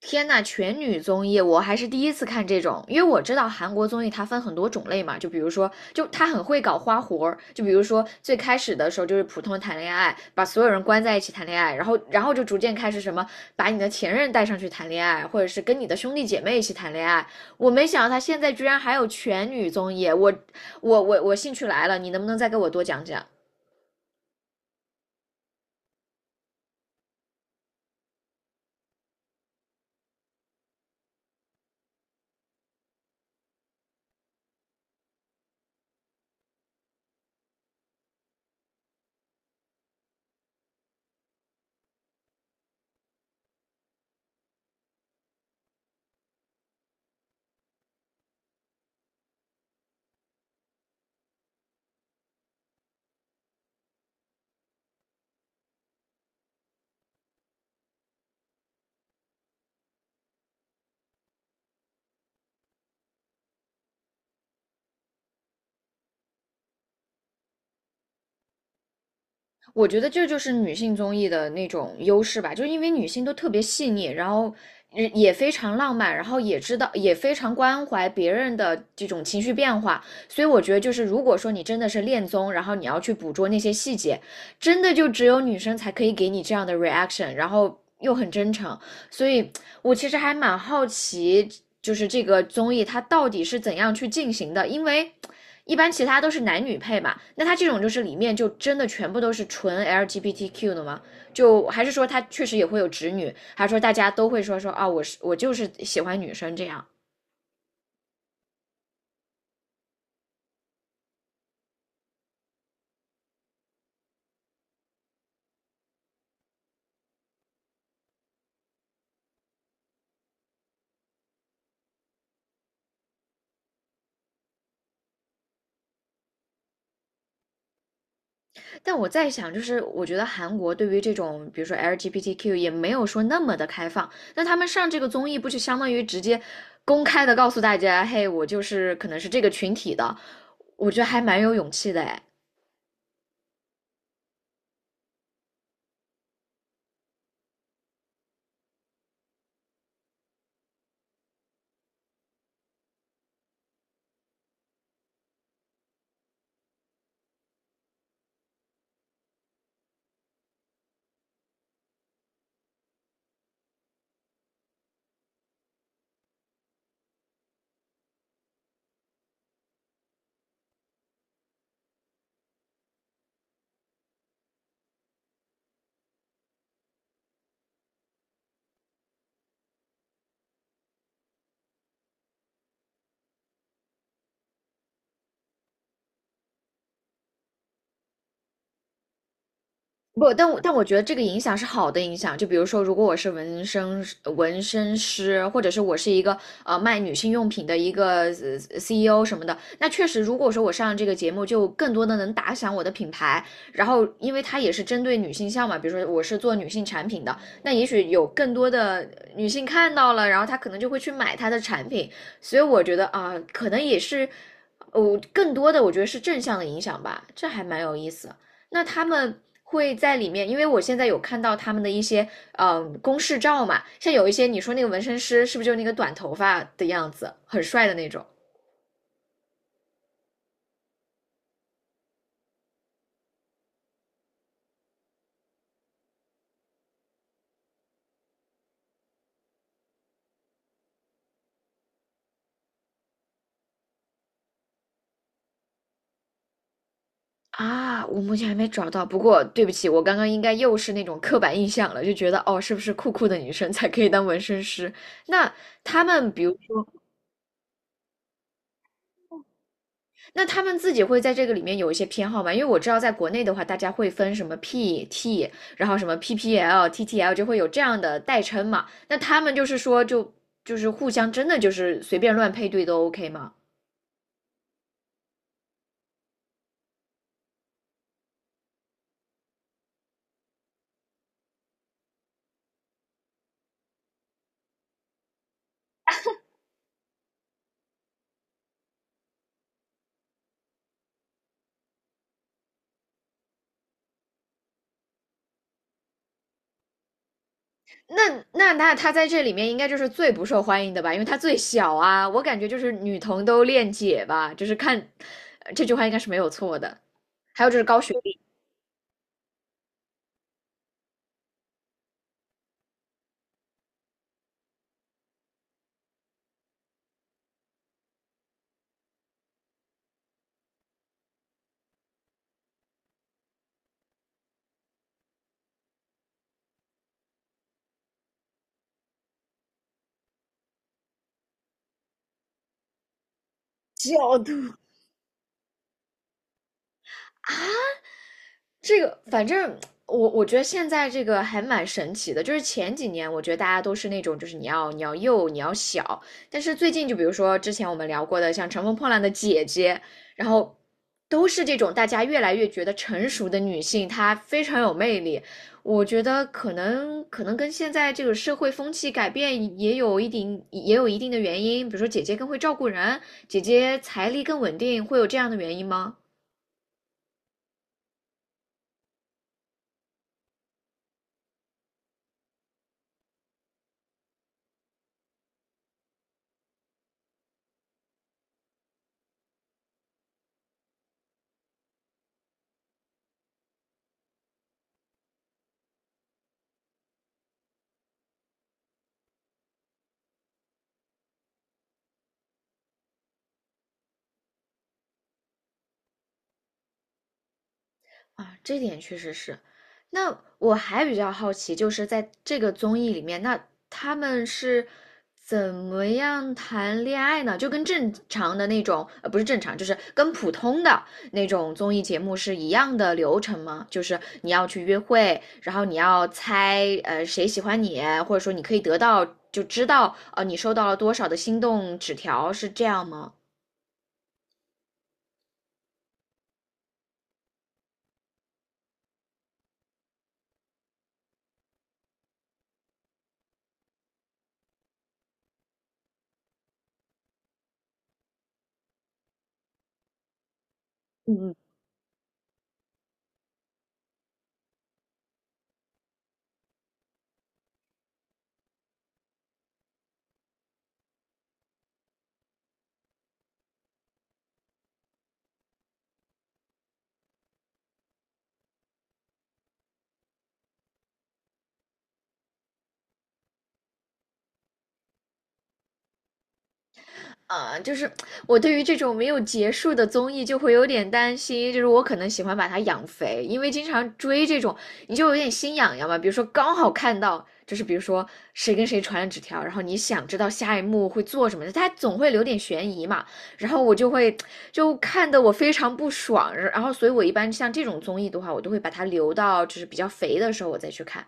天呐，全女综艺我还是第一次看这种，因为我知道韩国综艺它分很多种类嘛，就比如说，就它很会搞花活儿，就比如说最开始的时候就是普通谈恋爱，把所有人关在一起谈恋爱，然后就逐渐开始什么把你的前任带上去谈恋爱，或者是跟你的兄弟姐妹一起谈恋爱。我没想到他现在居然还有全女综艺，我兴趣来了，你能不能再给我多讲讲？我觉得这就是女性综艺的那种优势吧，就是因为女性都特别细腻，然后也非常浪漫，然后也知道也非常关怀别人的这种情绪变化，所以我觉得就是如果说你真的是恋综，然后你要去捕捉那些细节，真的就只有女生才可以给你这样的 reaction，然后又很真诚，所以我其实还蛮好奇，就是这个综艺它到底是怎样去进行的，因为。一般其他都是男女配嘛，那他这种就是里面就真的全部都是纯 LGBTQ 的吗？就还是说他确实也会有直女，还是说大家都会说说啊，我就是喜欢女生这样？但我在想，就是我觉得韩国对于这种比如说 LGBTQ 也没有说那么的开放，那他们上这个综艺不就相当于直接公开的告诉大家，嘿，我就是可能是这个群体的，我觉得还蛮有勇气的哎。不，但我觉得这个影响是好的影响。就比如说，如果我是纹身师，或者是我是一个卖女性用品的一个CEO 什么的，那确实，如果说我上这个节目，就更多的能打响我的品牌。然后，因为它也是针对女性向嘛，比如说我是做女性产品的，那也许有更多的女性看到了，然后她可能就会去买她的产品。所以我觉得啊、可能也是，哦，更多的我觉得是正向的影响吧，这还蛮有意思。那他们会在里面，因为我现在有看到他们的一些公示照嘛，像有一些你说那个纹身师是不是就那个短头发的样子，很帅的那种啊？我目前还没找到，不过对不起，我刚刚应该又是那种刻板印象了，就觉得哦，是不是酷酷的女生才可以当纹身师？那他们比如说，那他们自己会在这个里面有一些偏好吗？因为我知道在国内的话，大家会分什么 PT，然后什么 PPL、TTL，就会有这样的代称嘛。那他们就是说就是互相真的就是随便乱配对都 OK 吗？那他在这里面应该就是最不受欢迎的吧，因为他最小啊。我感觉就是女同都恋姐吧，就是看这句话应该是没有错的。还有就是高学历，小度。这个反正我觉得现在这个还蛮神奇的，就是前几年我觉得大家都是那种就是你要幼你要小，但是最近就比如说之前我们聊过的像《乘风破浪的姐姐》，然后都是这种大家越来越觉得成熟的女性，她非常有魅力。我觉得可能跟现在这个社会风气改变也有一定的原因，比如说姐姐更会照顾人，姐姐财力更稳定，会有这样的原因吗？啊，这点确实是。那我还比较好奇，就是在这个综艺里面，那他们是怎么样谈恋爱呢？就跟正常的那种，不是正常，就是跟普通的那种综艺节目是一样的流程吗？就是你要去约会，然后你要猜，谁喜欢你，或者说你可以得到，就知道，你收到了多少的心动纸条，是这样吗？嗯，啊，就是我对于这种没有结束的综艺就会有点担心，就是我可能喜欢把它养肥，因为经常追这种，你就有点心痒痒嘛。比如说刚好看到，就是比如说谁跟谁传了纸条，然后你想知道下一幕会做什么的，它总会留点悬疑嘛。然后我就会就看得我非常不爽，然后所以我一般像这种综艺的话，我都会把它留到就是比较肥的时候我再去看。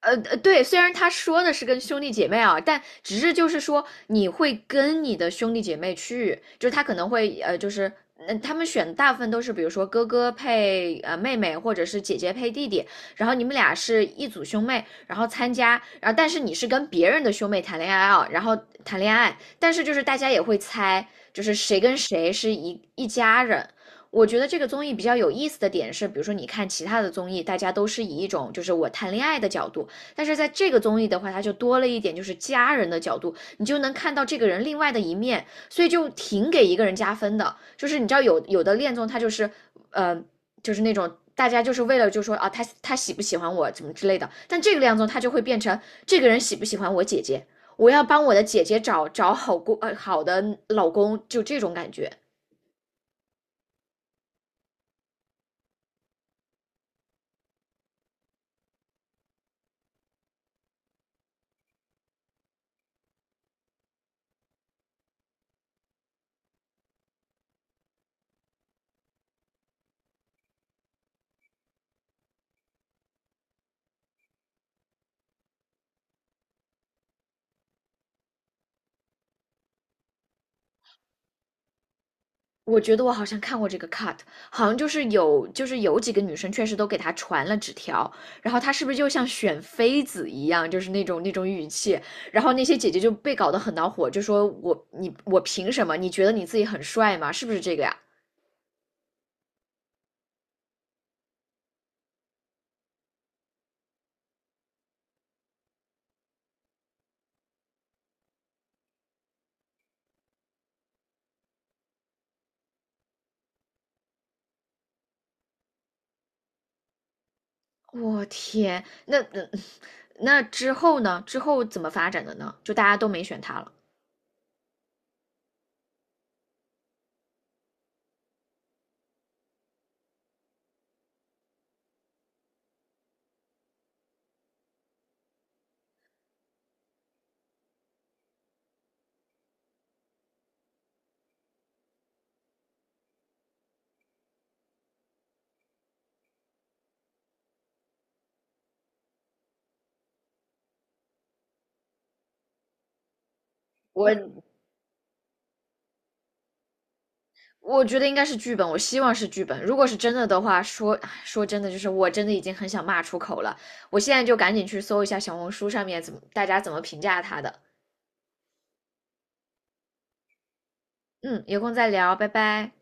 对，虽然他说的是跟兄弟姐妹啊，但只是就是说你会跟你的兄弟姐妹去，就是他可能会就是他们选大部分都是比如说哥哥配妹妹，或者是姐姐配弟弟，然后你们俩是一组兄妹，然后参加，然后但是你是跟别人的兄妹谈恋爱啊，然后谈恋爱，但是就是大家也会猜，就是谁跟谁是一家人。我觉得这个综艺比较有意思的点是，比如说你看其他的综艺，大家都是以一种就是我谈恋爱的角度，但是在这个综艺的话，它就多了一点就是家人的角度，你就能看到这个人另外的一面，所以就挺给一个人加分的。就是你知道有的恋综，它就是呃，就是那种。大家就是为了就说啊，他喜不喜欢我怎么之类的，但这个恋综他就会变成这个人喜不喜欢我姐姐，我要帮我的姐姐找找好公呃好的老公，就这种感觉。我觉得我好像看过这个 cut，好像就是有几个女生确实都给他传了纸条，然后他是不是就像选妃子一样，就是那种语气，然后那些姐姐就被搞得很恼火，就说我凭什么？你觉得你自己很帅吗？是不是这个呀？我天，那之后呢？之后怎么发展的呢？就大家都没选他了。我我觉得应该是剧本，我希望是剧本。如果是真的的话，说真的，就是我真的已经很想骂出口了。我现在就赶紧去搜一下小红书上面大家怎么评价他的。嗯，有空再聊，拜拜。